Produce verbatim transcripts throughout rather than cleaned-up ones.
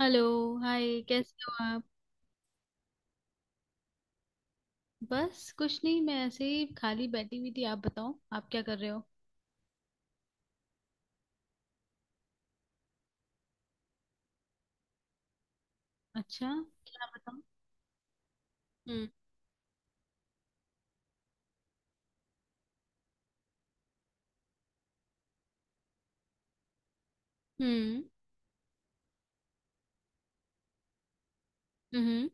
Hello. Hi, कैसे हो आप? बस कुछ नहीं, मैं ऐसे ही खाली बैठी हुई थी। आप बताओ, आप क्या कर रहे हो? अच्छा। क्या बताओ। हम्म। हम्म। हम्म।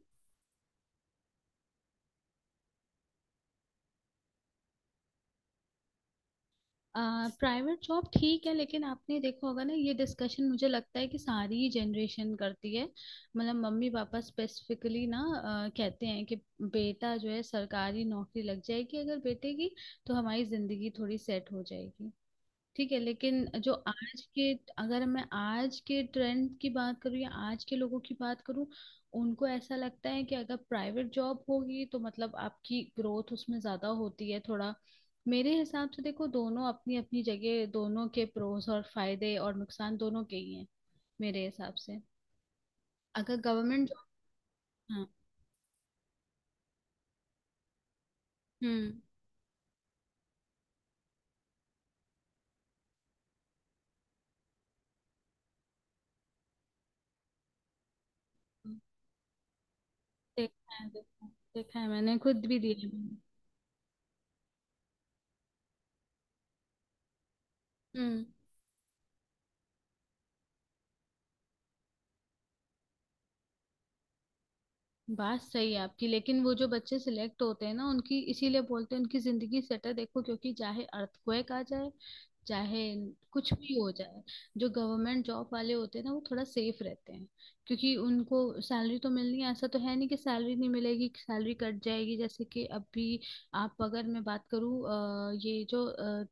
आ, प्राइवेट जॉब ठीक है, लेकिन आपने देखा होगा ना, ये डिस्कशन मुझे लगता है कि सारी ही जनरेशन करती है। मतलब मम्मी पापा स्पेसिफिकली ना, अ, कहते हैं कि बेटा जो है, सरकारी नौकरी लग जाएगी अगर बेटे की, तो हमारी जिंदगी थोड़ी सेट हो जाएगी। ठीक है, लेकिन जो आज के, अगर मैं आज के ट्रेंड की बात करूँ या आज के लोगों की बात करूँ, उनको ऐसा लगता है कि अगर प्राइवेट जॉब होगी तो मतलब आपकी ग्रोथ उसमें ज्यादा होती है थोड़ा। मेरे हिसाब से देखो, दोनों अपनी अपनी जगह, दोनों के प्रोस और फायदे और नुकसान दोनों के ही हैं। मेरे हिसाब से अगर गवर्नमेंट जॉब। हाँ। हम्म। देखा है, देखा है। देखा है, मैंने खुद भी दिए हैं। हम्म। बात सही है आपकी, लेकिन वो जो बच्चे सिलेक्ट होते हैं ना, उनकी इसीलिए बोलते हैं उनकी जिंदगी सेट है, देखो, क्योंकि चाहे अर्थक्वेक आ जाए, चाहे कुछ भी हो जाए, जो गवर्नमेंट जॉब वाले होते हैं ना, वो थोड़ा सेफ रहते हैं। क्योंकि उनको सैलरी तो मिलनी है, ऐसा तो है नहीं कि सैलरी नहीं मिलेगी, सैलरी कट जाएगी, जैसे कि अभी आप, अगर मैं बात करूँ, ये जो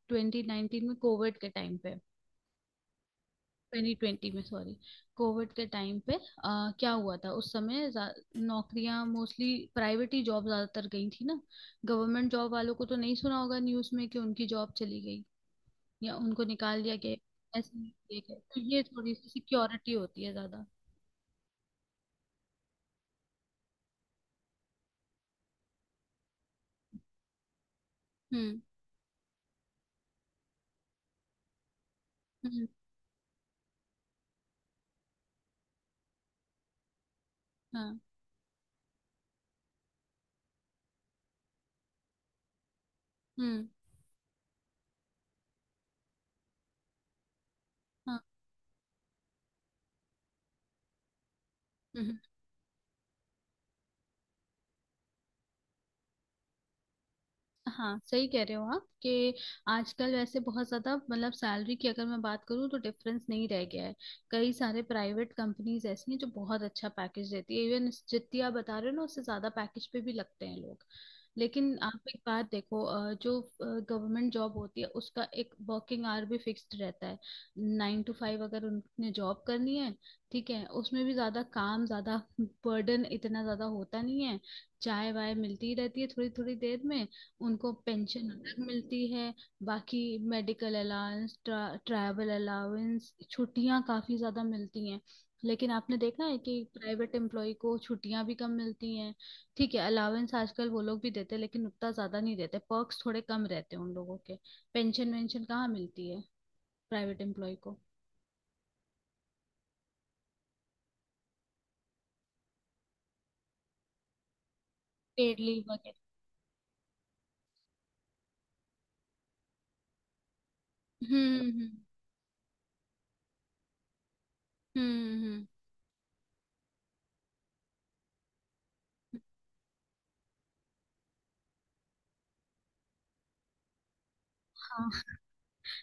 ट्वेंटी नाइनटीन में कोविड के टाइम पे, ट्वेंटी ट्वेंटी में सॉरी, कोविड के टाइम पे अ, क्या हुआ था उस समय, जा- नौकरियां मोस्टली, प्राइवेट ही जॉब ज्यादातर गई थी ना। गवर्नमेंट जॉब वालों को तो नहीं सुना होगा न्यूज में कि उनकी जॉब चली गई या उनको निकाल दिया गया, ऐसे ही किया गया। तो ये थोड़ी सी सिक्योरिटी होती है ज्यादा। हम्म। हम्म। हाँ। हम्म। हाँ। हम्म। हाँ, सही कह रहे हो आप, कि आजकल वैसे बहुत ज़्यादा मतलब, सैलरी की अगर मैं बात करूँ तो डिफरेंस नहीं रह गया है। कई सारे प्राइवेट कंपनीज ऐसी हैं जो बहुत अच्छा पैकेज देती है, इवन जितनी आप बता रहे हो ना, उससे ज़्यादा पैकेज पे भी लगते हैं लोग। लेकिन आप एक बात देखो, अ, जो गवर्नमेंट जॉब होती है उसका एक वर्किंग आवर भी फिक्स्ड रहता है। नाइन टू फाइव अगर उनने जॉब करनी है। ठीक है, उसमें भी ज़्यादा काम, ज़्यादा बर्डन इतना ज़्यादा होता नहीं है। चाय वाय मिलती ही रहती है थोड़ी थोड़ी देर में। उनको पेंशन अलग मिलती है। बाकी मेडिकल अलाउंस, ट्रा, ट्रैवल अलाउंस, छुट्टियां काफ़ी ज़्यादा मिलती हैं। लेकिन आपने देखा है कि प्राइवेट एम्प्लॉय को छुट्टियां भी कम मिलती हैं। ठीक है, अलाउंस आजकल वो लोग भी देते हैं, लेकिन उतना ज़्यादा नहीं देते, पर्क्स थोड़े कम रहते हैं उन लोगों के। पेंशन वेंशन कहाँ मिलती है प्राइवेट एम्प्लॉय को। पेड लीव वगैरह। हम्म। हम्म। हम्म। हम्म, हाँ।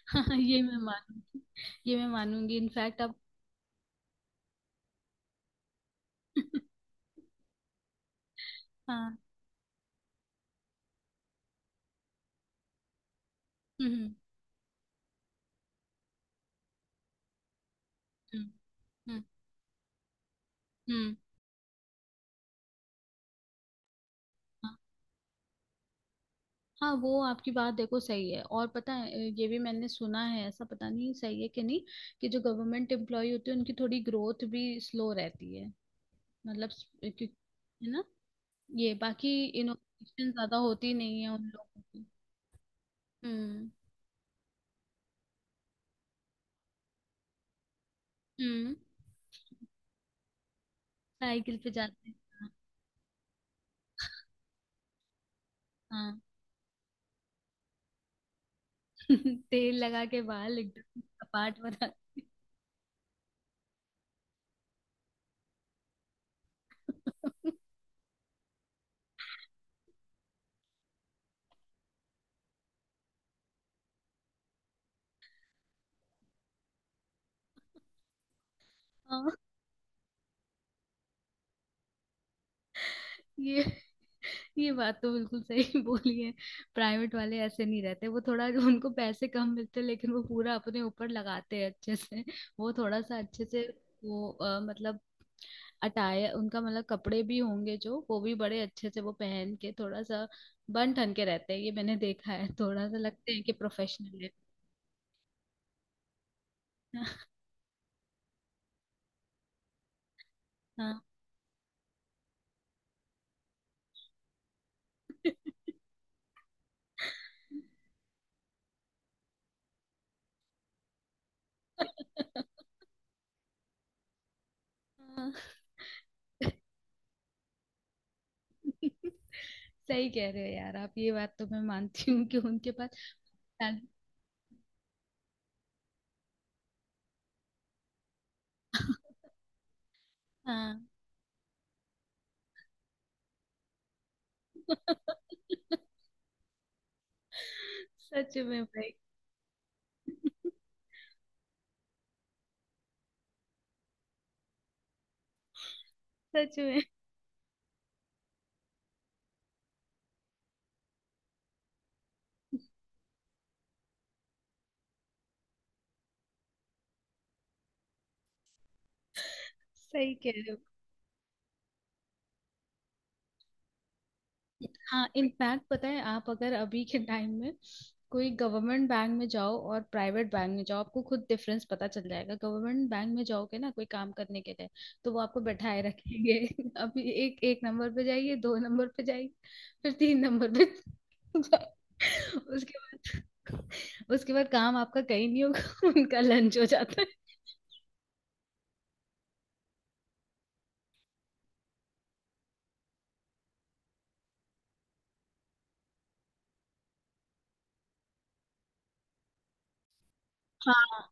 हाँ, ये मैं मानूं, ये मैं मानूंगी, इनफैक्ट अब, हाँ। हम्म। हम्म। हम्म। हम्म। हम्म। हाँ, वो आपकी बात देखो सही है, और पता है, ये भी मैंने सुना है, ऐसा पता नहीं सही है कि नहीं, कि जो गवर्नमेंट एम्प्लॉय होते हैं उनकी थोड़ी ग्रोथ भी स्लो रहती है। मतलब स- क्यों- है ना, ये, बाकी इनोवेशन ज्यादा होती नहीं है उन लोगों की। हम्म। हम्म, साइकिल पे जाते हैं। हाँ। हाँ, तेल लगा के बाल एकदम कपाट बनाते हैं। हाँ, ये ये बात तो बिल्कुल सही बोली है। प्राइवेट वाले ऐसे नहीं रहते, वो, थोड़ा उनको पैसे कम मिलते हैं, लेकिन वो पूरा अपने ऊपर लगाते हैं अच्छे से। वो थोड़ा सा अच्छे से, वो अ, मतलब अटाए उनका, मतलब कपड़े भी होंगे जो, वो भी बड़े अच्छे से वो पहन के, थोड़ा सा बन ठन के रहते हैं। ये मैंने देखा है, थोड़ा सा लगते हैं कि प्रोफेशनल है। हाँ। हाँ। सही कह रहे हो यार आप, ये बात तो मैं मानती हूँ, कि उनके पास टैलेंट- हाँ। सच में भाई। सच में, सही कह रहे हो। हाँ, इनफैक्ट पता है, आप अगर अभी के टाइम में कोई गवर्नमेंट बैंक में जाओ और प्राइवेट बैंक में जाओ, आपको खुद डिफरेंस पता चल जाएगा। गवर्नमेंट बैंक में जाओगे ना कोई काम करने के लिए, तो वो आपको बैठाए रखेंगे। अभी एक एक नंबर पे जाइए, दो नंबर पे जाइए, फिर तीन नंबर पे जाइए। उसके बाद उसके बाद काम आपका कहीं नहीं होगा। उनका लंच हो जाता है। हाँ,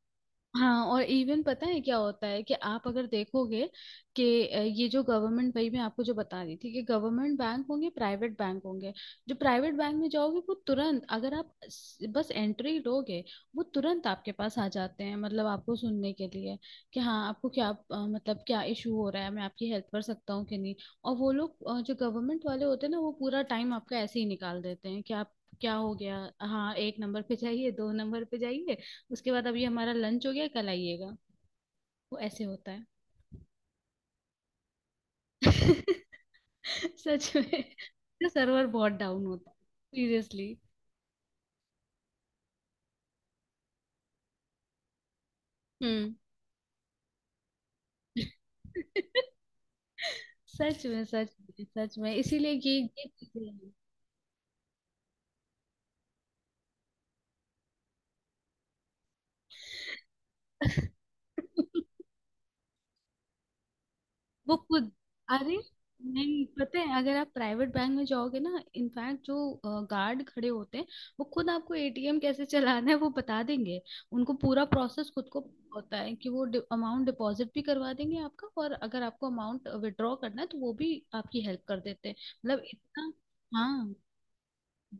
हाँ, और इवन पता है क्या होता है, कि आप अगर देखोगे कि अ, ये जो गवर्नमेंट भाई, मैं आपको जो बता रही थी कि गवर्नमेंट बैंक होंगे, प्राइवेट बैंक होंगे, जो प्राइवेट बैंक में जाओगे, वो तुरंत अगर आप स- बस एंट्री लोगे, वो तुरंत आपके पास आ जाते हैं, मतलब आपको सुनने के लिए, कि हाँ आपको क्या, अ, मतलब क्या इशू हो रहा है, मैं आपकी हेल्प कर सकता हूँ कि नहीं। और वो लोग, अ, जो गवर्नमेंट वाले होते हैं ना, वो पूरा टाइम आपका ऐसे ही निकाल देते हैं कि आप, क्या हो गया। हाँ, एक नंबर पे जाइए, दो नंबर पे जाइए, उसके बाद अब ये हमारा लंच हो गया, कल आइएगा, वो ऐसे होता है। सच में, सर्वर बहुत डाउन होता है। सीरियसली। हम्म। सच में, सच में, सच में, इसीलिए ये ये चीजें हैं। वो खुद। अरे, नहीं, पता है, अगर आप प्राइवेट बैंक में जाओगे ना, इनफैक्ट जो गार्ड खड़े होते हैं, वो खुद आपको एटीएम कैसे चलाना है वो बता देंगे। उनको पूरा प्रोसेस खुद को पता होता है, कि वो अमाउंट डिपॉजिट भी करवा देंगे आपका, और अगर आपको अमाउंट विड्रॉ करना है, तो वो भी आपकी हेल्प कर देते हैं, मतलब इतना। हाँ,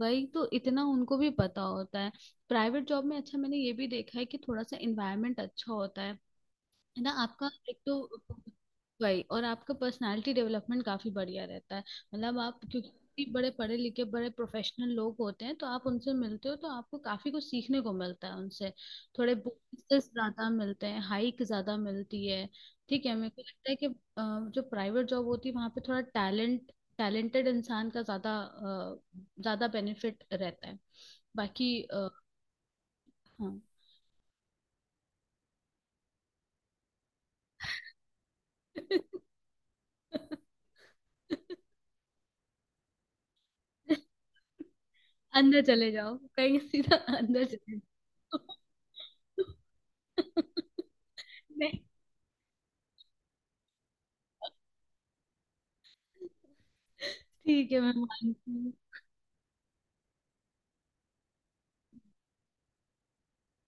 वही तो, इतना उनको भी पता होता है। प्राइवेट जॉब में अच्छा, मैंने ये भी देखा है कि थोड़ा सा इन्वायरमेंट अच्छा होता है है ना आपका, एक तो। वही, और आपका पर्सनालिटी डेवलपमेंट काफी बढ़िया रहता है। मतलब आप, क्योंकि बड़े पढ़े लिखे, बड़े प्रोफेशनल लोग होते हैं, तो आप उनसे मिलते हो, तो आपको काफी कुछ सीखने को मिलता है उनसे। थोड़े बोनसेस ज्यादा मिलते हैं, हाइक ज्यादा मिलती है। ठीक है, मेरे को लगता है कि अ, जो प्राइवेट जॉब होती है, वहां पे थोड़ा टैलेंट टैलेंटेड इंसान का ज्यादा अ, ज्यादा बेनिफिट रहता है। बाकी अ, हाँ। अंदर चले जाओ, कहीं सीधा अंदर चले जाओ। नहीं, ठीक है, मैं मानती हूँ।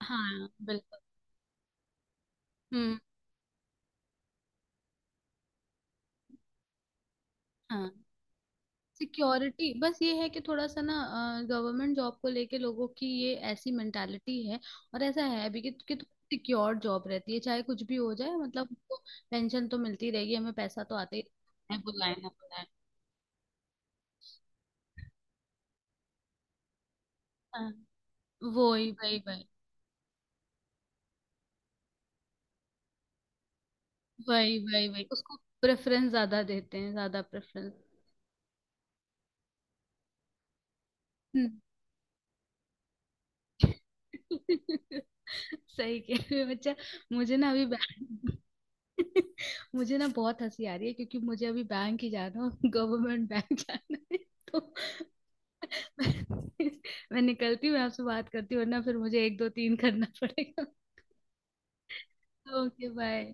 हाँ, बिल्कुल। हम्म। हाँ, सिक्योरिटी बस ये है कि, थोड़ा सा ना, गवर्नमेंट जॉब को लेके लोगों की ये ऐसी मेंटालिटी है। और ऐसा है भी कि, कि सिक्योर जॉब रहती है, चाहे कुछ भी हो जाए, मतलब उनको पेंशन तो मिलती रहेगी, हमें पैसा तो आते ही रहेगा, चाहे बुलाए ना बुलाए। हाँ, वही, वही, वही, वही, वही, वही, उसको प्रेफरेंस ज्यादा देते हैं, ज्यादा प्रेफरेंस। हम्म। सही कह रहे हो बच्चा। मुझे ना अभी बैंक मुझे ना बहुत हंसी आ रही है, क्योंकि मुझे अभी बैंक ही जाना है, गवर्नमेंट बैंक जाना है, तो मैं, मैं निकलती हूँ, मैं आपसे बात करती हूँ, वरना फिर मुझे एक दो तीन करना पड़ेगा। Okay bye.